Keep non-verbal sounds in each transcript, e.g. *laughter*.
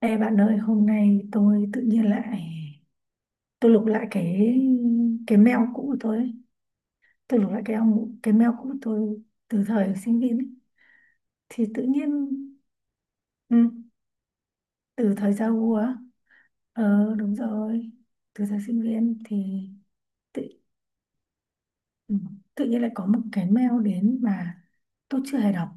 Ê bạn ơi, hôm nay tôi tự nhiên lại lục lại cái mail cũ của tôi ấy. Tôi lục lại cái ông cái mail cũ của tôi từ thời sinh viên ấy. Thì tự nhiên ừ, từ thời Yahoo á. Ờ đúng rồi. Từ thời sinh viên thì tự ừ, tự nhiên lại có một cái mail đến mà tôi chưa hề đọc.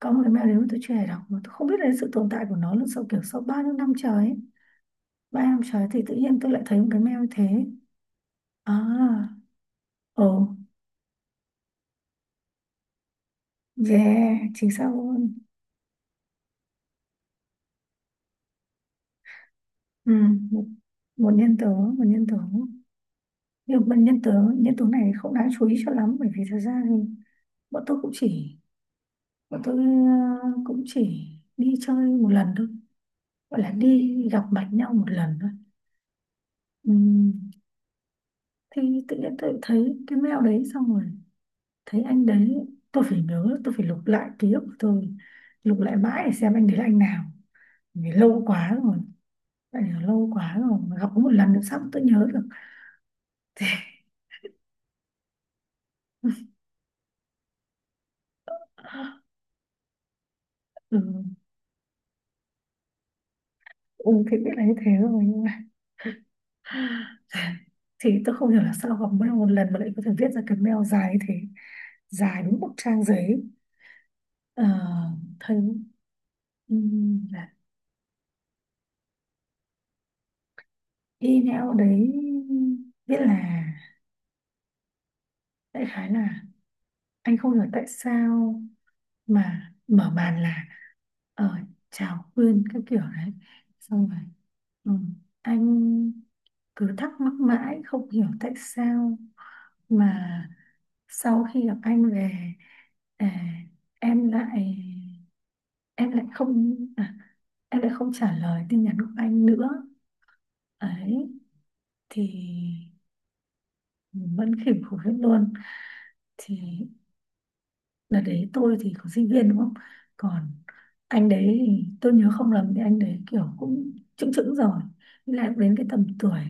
Có một cái mail đến mà tôi chưa hề đọc mà tôi không biết đến sự tồn tại của nó là sau kiểu sau bao nhiêu năm trời ấy. 3 năm trời thì tự nhiên tôi lại thấy một cái mail như thế. À, ồ. Yeah, chính xác luôn. Ừ, một, một nhân tố, một nhân tố. Nhưng mà nhân tố này không đáng chú ý cho lắm, bởi vì thật ra thì bọn tôi cũng chỉ, bọn tôi ờ, cũng chỉ đi chơi một lần thôi. Gọi là đi gặp mặt nhau một lần thôi. Ừ, thì tự nhiên tôi thấy cái mail đấy xong rồi thấy anh đấy, tôi phải nhớ, tôi phải lục lại ký ức của tôi, lục lại mãi để xem anh đấy là anh nào, vì lâu quá rồi, tại vì lâu quá rồi mà gặp có một lần, nữa sao mà tôi nhớ được. *laughs* Ừ, ừ, thì biết là như thế rồi nhưng mà *sighs* thì tôi không hiểu là sao gặp mỗi lần một lần mà lại có thể viết ra cái mail dài như thế, dài đúng một trang giấy. Ờ, thấy là email đấy viết là, đại khái là, anh không hiểu tại sao, mà mở màn là ờ, chào Quyên các kiểu đấy, xong rồi. Ừ. Anh cứ thắc mắc mãi không hiểu tại sao mà sau khi gặp anh về, à, em lại, em lại không à, em lại không trả lời tin nhắn của anh nữa ấy, thì vẫn khỉu khủng hết luôn. Thì đợt đấy tôi thì có sinh viên đúng không, còn anh đấy thì tôi nhớ không lầm thì anh đấy kiểu cũng chững chững rồi, lại đến cái tầm tuổi,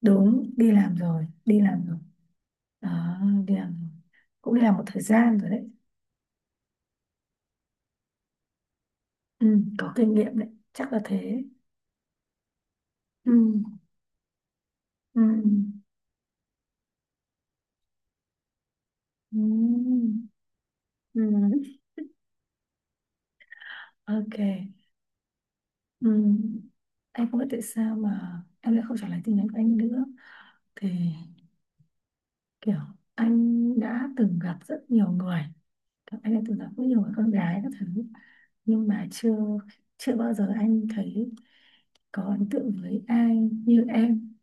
đúng, đi làm rồi, đi làm rồi, đó, đi làm rồi, cũng đi làm một thời gian rồi đấy. Ừ, có kinh nghiệm đấy, chắc là thế. Ừ, ừ, ừ, ừ. Ok. Ừ. Anh không biết tại sao mà em lại không trả lời tin nhắn của anh nữa, thì kiểu, anh đã từng gặp rất nhiều người anh đã từng gặp rất nhiều người con gái các thứ, nhưng mà chưa, chưa bao giờ anh thấy có ấn tượng với ai như em.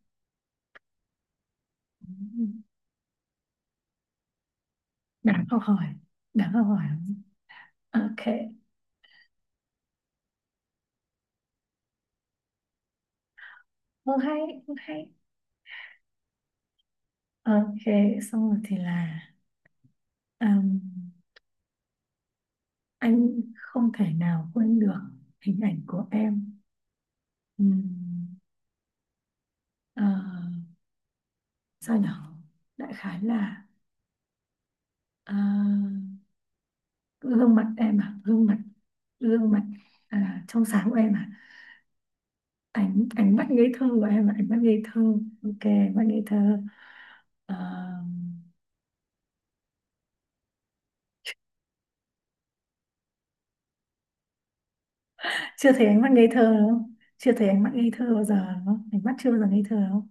Đáng học hỏi, đáng học hỏi. Ok. Không hay, không hay. Ok, xong rồi thì là, um, anh không thể nào quên được hình ảnh của em. Ừm, ờ, sao nhở, đại khái là, ờ, gương mặt em, gương mặt, trong sáng của em, ánh, ánh mắt ngây thơ của em là ánh mắt ngây thơ. Ok, ánh mắt ngây thơ. Ờ, chưa thấy ánh mắt ngây thơ đúng không, chưa thấy ánh mắt ngây thơ bao giờ đúng không, ánh mắt chưa bao giờ ngây thơ đúng không.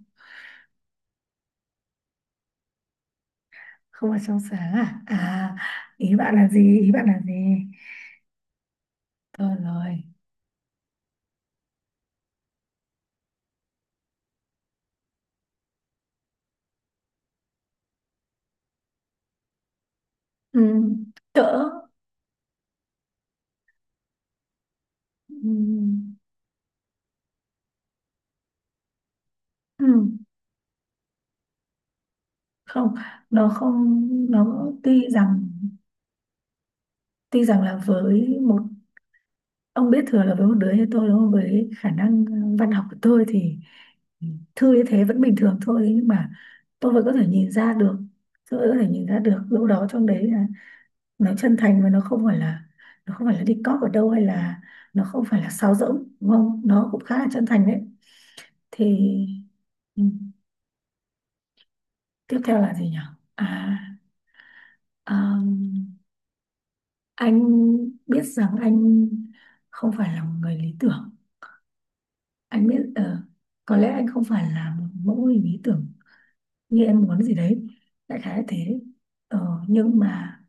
Không phải trong sáng à? À, ý bạn là gì, ý bạn là gì, thôi rồi. Ừ, cỡ. Ừ, ừ, không, nó không, nó tuy rằng, tuy rằng là với một, ông biết thừa là với một đứa như tôi đúng không, với khả năng văn học của tôi thì thư như thế vẫn bình thường thôi, nhưng mà tôi vẫn có thể nhìn ra được, tôi vẫn có thể nhìn ra được đâu đó trong đấy là nó chân thành, và nó không phải là, nó không phải là đi cóp ở đâu hay là, nó không phải là sáo rỗng đúng không, nó cũng khá là chân thành đấy. Thì ừ, tiếp theo là gì nhỉ, à, um, anh biết rằng anh không phải là một người lý tưởng. Anh biết có lẽ anh không phải là một mẫu hình lý tưởng như em muốn gì đấy, đại khái là thế. Ờ, nhưng mà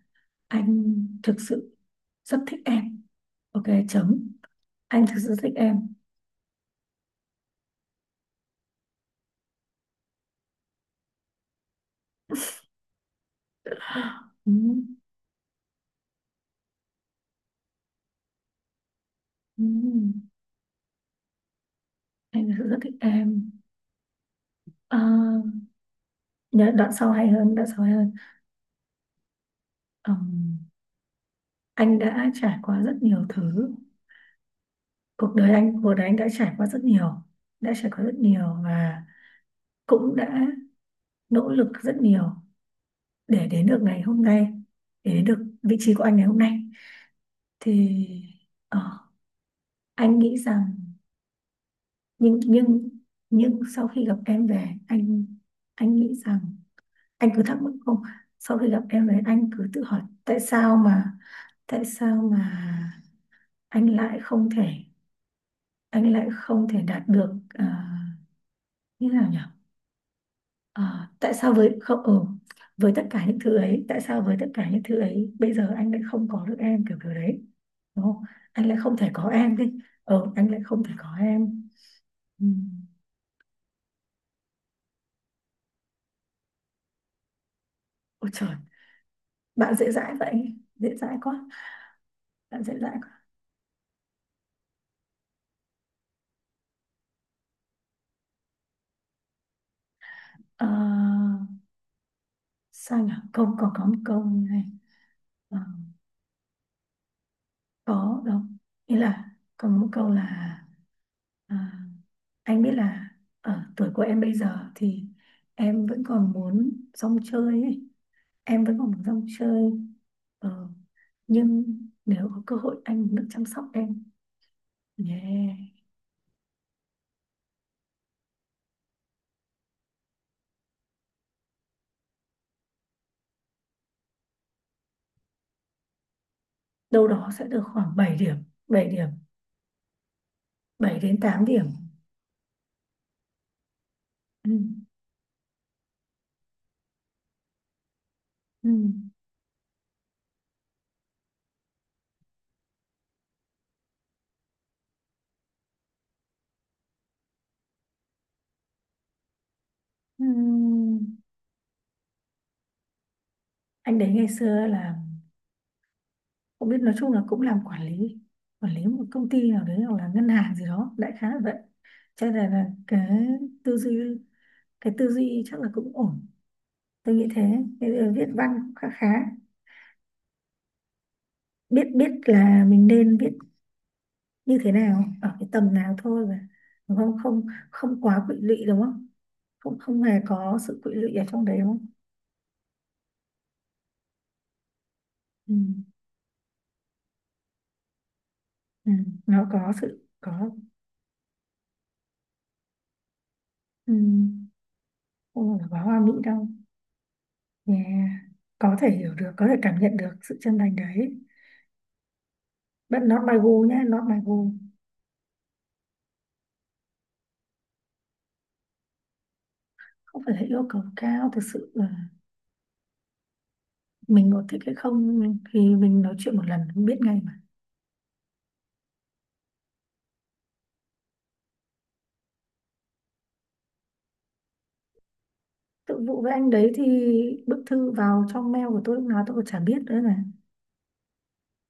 anh thực sự rất thích em. Ok, chấm. Anh thực sự thích em. *gasps* Ừ, ừ, anh thực sự rất thích em. À, nhớ đoạn sau hay hơn, đoạn sau hay hơn. Ừm, anh đã trải qua rất nhiều thứ, cuộc đời anh, cuộc đời anh đã trải qua rất nhiều, đã trải qua rất nhiều, và cũng đã nỗ lực rất nhiều để đến được ngày hôm nay, để đến được vị trí của anh ngày hôm nay, thì ờ, anh nghĩ rằng, nhưng nhưng sau khi gặp em về anh nghĩ rằng, anh cứ thắc mắc không, sau khi gặp em về anh cứ tự hỏi tại sao mà, tại sao mà anh lại không thể, anh lại không thể đạt được, như thế nào nhỉ. À, tại sao với không ừ, với tất cả những thứ ấy, tại sao với tất cả những thứ ấy bây giờ anh lại không có được em, kiểu kiểu đấy, đúng không? Anh lại không thể có em đi. Ờ, anh lại không thể có em. Ừ. Ôi trời, bạn dễ dãi vậy. Dễ dãi quá. Bạn dễ dãi quá. Ờ, sao nhỉ? Câu còn có một câu như này. Ờ, có đâu. Nghĩa là còn một câu là, ờ, anh biết là ở tuổi của em bây giờ thì em vẫn còn muốn rong chơi ấy. Em vẫn còn muốn rong chơi. Ờ, nhưng nếu có cơ hội anh muốn được chăm sóc em. Yeah. Đâu đó sẽ được khoảng 7 điểm. Bảy điểm, 7 đến 8 điểm. Ừ. Ừ. Ừ. Anh đấy ngày xưa là cũng biết, nói chung là cũng làm quản lý, quản lý một công ty nào đấy hoặc là ngân hàng gì đó, đại khái là vậy, cho nên là cái tư duy, cái tư duy chắc là cũng ổn, tôi nghĩ thế. Cái viết văn cũng khá khá, biết, biết là mình nên viết như thế nào ở cái tầm nào thôi mà, đúng không, không không quá quỵ lụy đúng không, không không hề có sự quỵ lụy ở trong đấy đúng không. Ừ. Ừ, nó có sự có, ừ, không phải là quá hoa mỹ đâu. Yeah. Có thể hiểu được, có thể cảm nhận được sự chân thành đấy. But not my goal nhá, not my goal. Không phải là yêu cầu cao, thực sự là mình có thích hay không thì mình nói chuyện một lần cũng biết ngay mà. Tự vụ với anh đấy thì, bức thư vào trong mail của tôi lúc nào tôi còn chả biết nữa mà.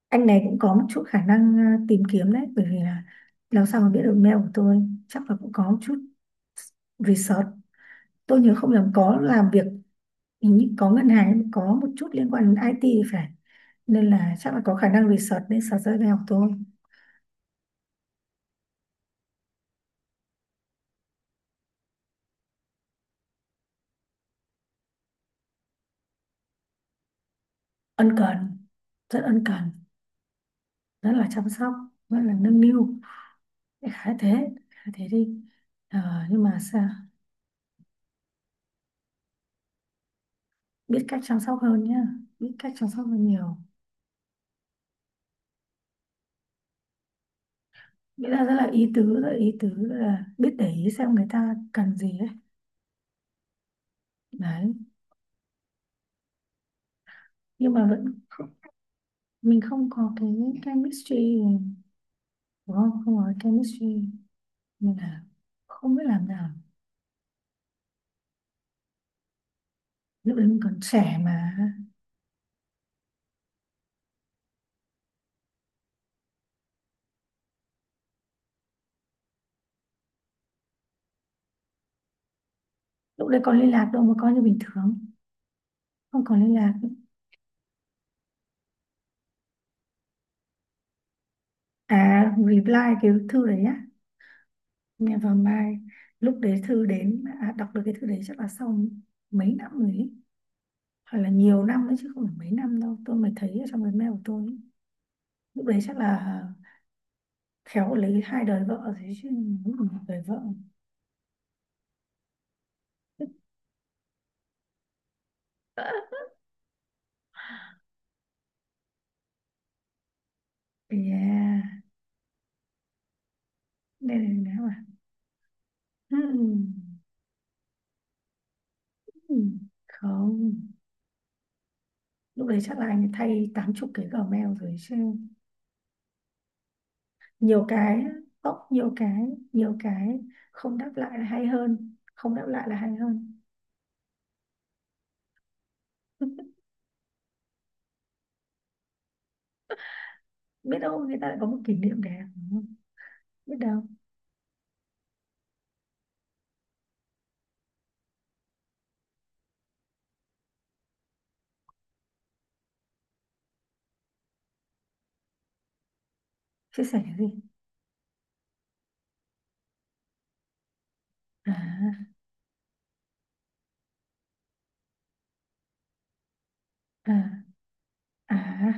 Anh này cũng có một chút khả năng tìm kiếm đấy, bởi vì là làm sao mà biết được mail của tôi, chắc là cũng có một chút research. Tôi nhớ không nhầm có làm việc, hình như có ngân hàng, có một chút liên quan đến IT thì phải, nên là chắc là có khả năng research nên search ra về học thôi. Ân cần, rất ân cần, rất là chăm sóc, rất là nâng niu. Đại khái thế, khái thế đi. Ờ, nhưng mà sao, biết cách chăm sóc hơn nhá, biết cách chăm sóc hơn nhiều. Nghĩa là rất là ý tứ, rất là ý tứ, rất là biết để ý xem người ta cần gì ấy, đấy. Nhưng mà vẫn, mình không có cái chemistry đúng không, không có cái chemistry, nên là không biết làm nào. Lúc đấy mình còn trẻ mà. Lúc đấy còn liên lạc đâu mà coi như bình thường, không còn liên lạc. À reply, cái thư đấy á, mẹ vào mai, lúc đấy thư đến đọc được cái thư đấy chắc là sau mấy năm rồi ấy, hoặc là nhiều năm nữa chứ không phải mấy năm đâu tôi mới thấy ở trong cái mail của tôi ấy. Lúc đấy chắc là khéo lấy hai đời vợ rồi chứ. Đúng là một đời vợ. Yeah. Đây là nào à, không, lúc đấy chắc là anh thay 80 cái Gmail rồi chứ, nhiều cái, ốc nhiều cái, nhiều cái. Không đáp lại là hay hơn, không đáp lại là hay hơn. Biết đâu người ta lại có một kỷ niệm đẹp đúng không? Biết đâu. Chia sẻ cái gì? À, à, à,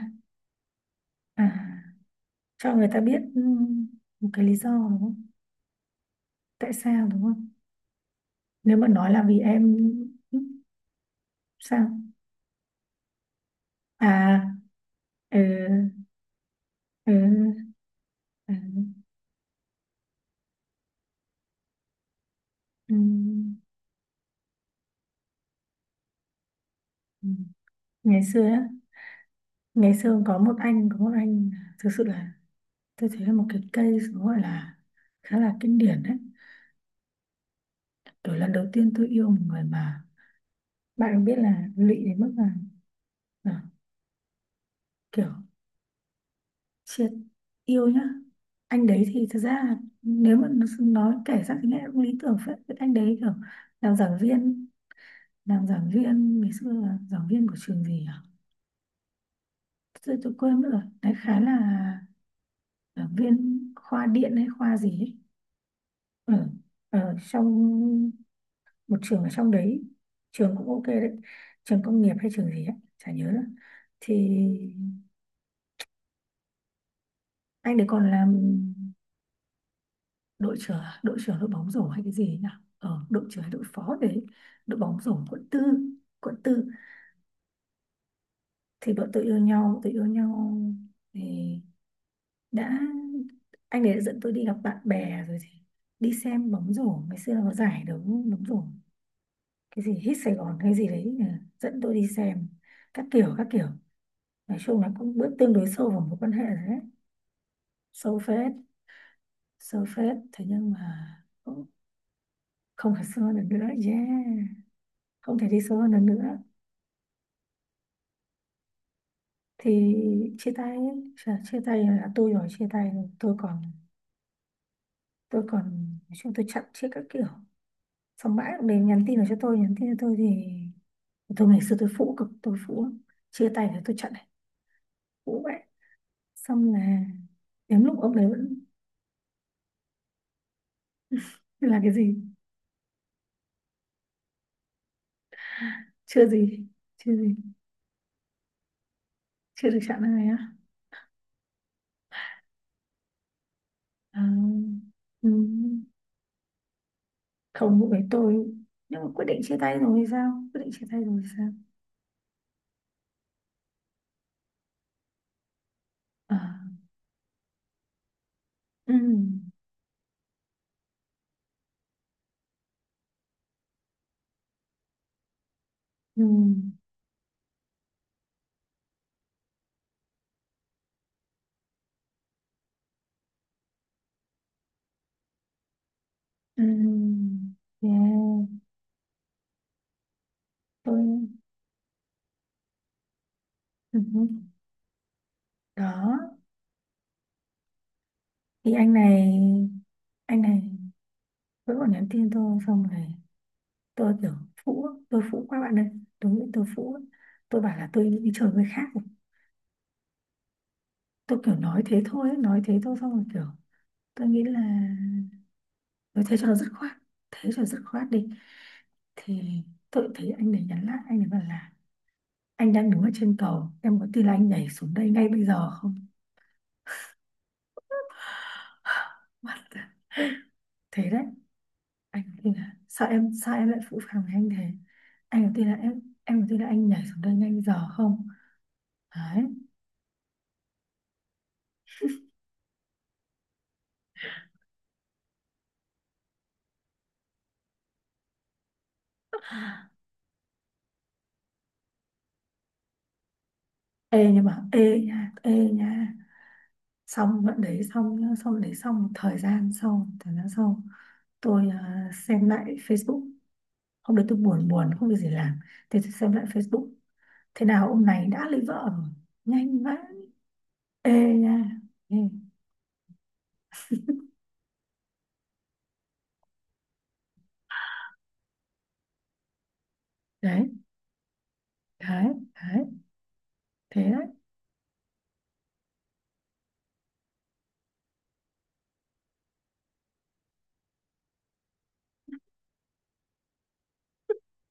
à, cho người ta biết một cái lý do đúng không, tại sao đúng không, nếu mà nói là vì em. Ừm, sao à, ừ, ừ, ừ, ừm, ừm. Ngày xưa á, ngày xưa có một anh, thực sự là tôi thấy là một cái case nó gọi là khá là kinh điển đấy. Kiểu lần đầu tiên tôi yêu một người mà bạn cũng biết là lụy đến mức là kiểu triệt yêu nhá. Anh đấy thì thật ra là nói kể ra thì nghe cũng lý tưởng phết. Cái anh đấy kiểu làm giảng viên, ngày xưa là giảng viên của trường gì à, tôi quên mất rồi đấy, khá là giảng viên khoa điện hay khoa gì ấy. Ở ở trong một trường ở trong đấy, trường cũng ok đấy, trường công nghiệp hay trường gì ấy chả nhớ nữa. Thì anh đấy còn làm đội trưởng, đội bóng rổ hay cái gì ấy nhỉ, đội trưởng hay đội phó đấy, đội bóng rổ quận tư, quận tư. Thì bọn tôi yêu nhau, thì đã anh ấy đã dẫn tôi đi gặp bạn bè rồi, thì đi xem bóng rổ. Ngày xưa nó có giải đấu bóng rổ cái gì hít Sài Gòn hay gì đấy, dẫn tôi đi xem các kiểu, nói chung là cũng bước tương đối sâu vào mối quan hệ rồi đấy, sâu phết, sâu phết. Thế nhưng mà cũng không thể sâu hơn được nữa, yeah, không thể đi sâu hơn được nữa. Thì chia tay. Chà, chia tay là tôi rồi chia tay rồi. Tôi tôi còn, nói chung tôi chặn chết các kiểu, xong mãi cũng đến nhắn tin là cho tôi, thì tôi ngày xưa tôi phũ cực, tôi phũ lắm. Chia tay là tôi chặn này, phũ vậy. Xong là đến lúc ông đấy vẫn là cái gì, chưa gì, chưa gì chưa được chặn này á. À, ừ. Không, lúc đấy tôi, nhưng mà quyết định chia tay rồi thì sao? Quyết định chia tay rồi thì sao? À. Ừ. Ừ. Ừ. Yeah. Tôi, ừ. Đó thì anh này, anh này vẫn còn nhắn tin tôi xong rồi tôi kiểu phũ, tôi phũ quá bạn ơi, đúng là tôi phũ. Tôi bảo là tôi đi chơi với khác rồi. Tôi kiểu nói thế thôi ấy, nói thế thôi xong rồi kiểu tôi nghĩ là tôi thế cho nó dứt khoát, thế cho dứt khoát đi. Thì tôi thấy anh này nhắn lại, anh ấy bảo là anh đang đứng ở trên cầu, em có tin là anh nhảy xuống đây ngay bây giờ không. *sighs* What the... thế đấy. Anh có tin là, sao em, sao em lại phụ phàng với anh thế, anh có tin là em có tin là anh nhảy xuống đây ngay bây giờ không. Đấy. Ê nhưng mà ê nha, ê nha, xong đoạn đấy xong nhá, xong đấy xong một thời gian sau, tôi à, xem lại Facebook. Hôm đấy tôi buồn buồn không được gì làm, thế tôi xem lại Facebook, thế nào ông này đã lấy vợ rồi, nhanh vãi. Ê nha, ê. Đấy, đấy, đấy, thế đấy.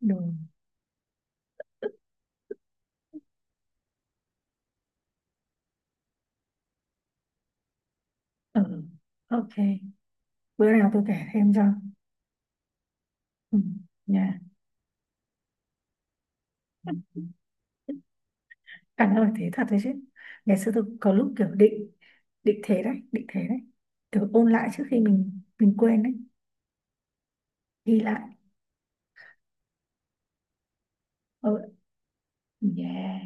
Đồ, ừ, ok. Bữa nào tôi kể thêm cho, ừ, nha. Anh ơi thế thật đấy chứ, ngày xưa tôi có lúc kiểu định, định thế đấy, kiểu ôn lại trước khi mình quên đấy, ghi lại. Ừ, yeah,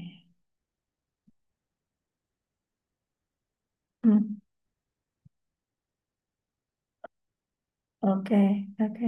ừ, ok, ok.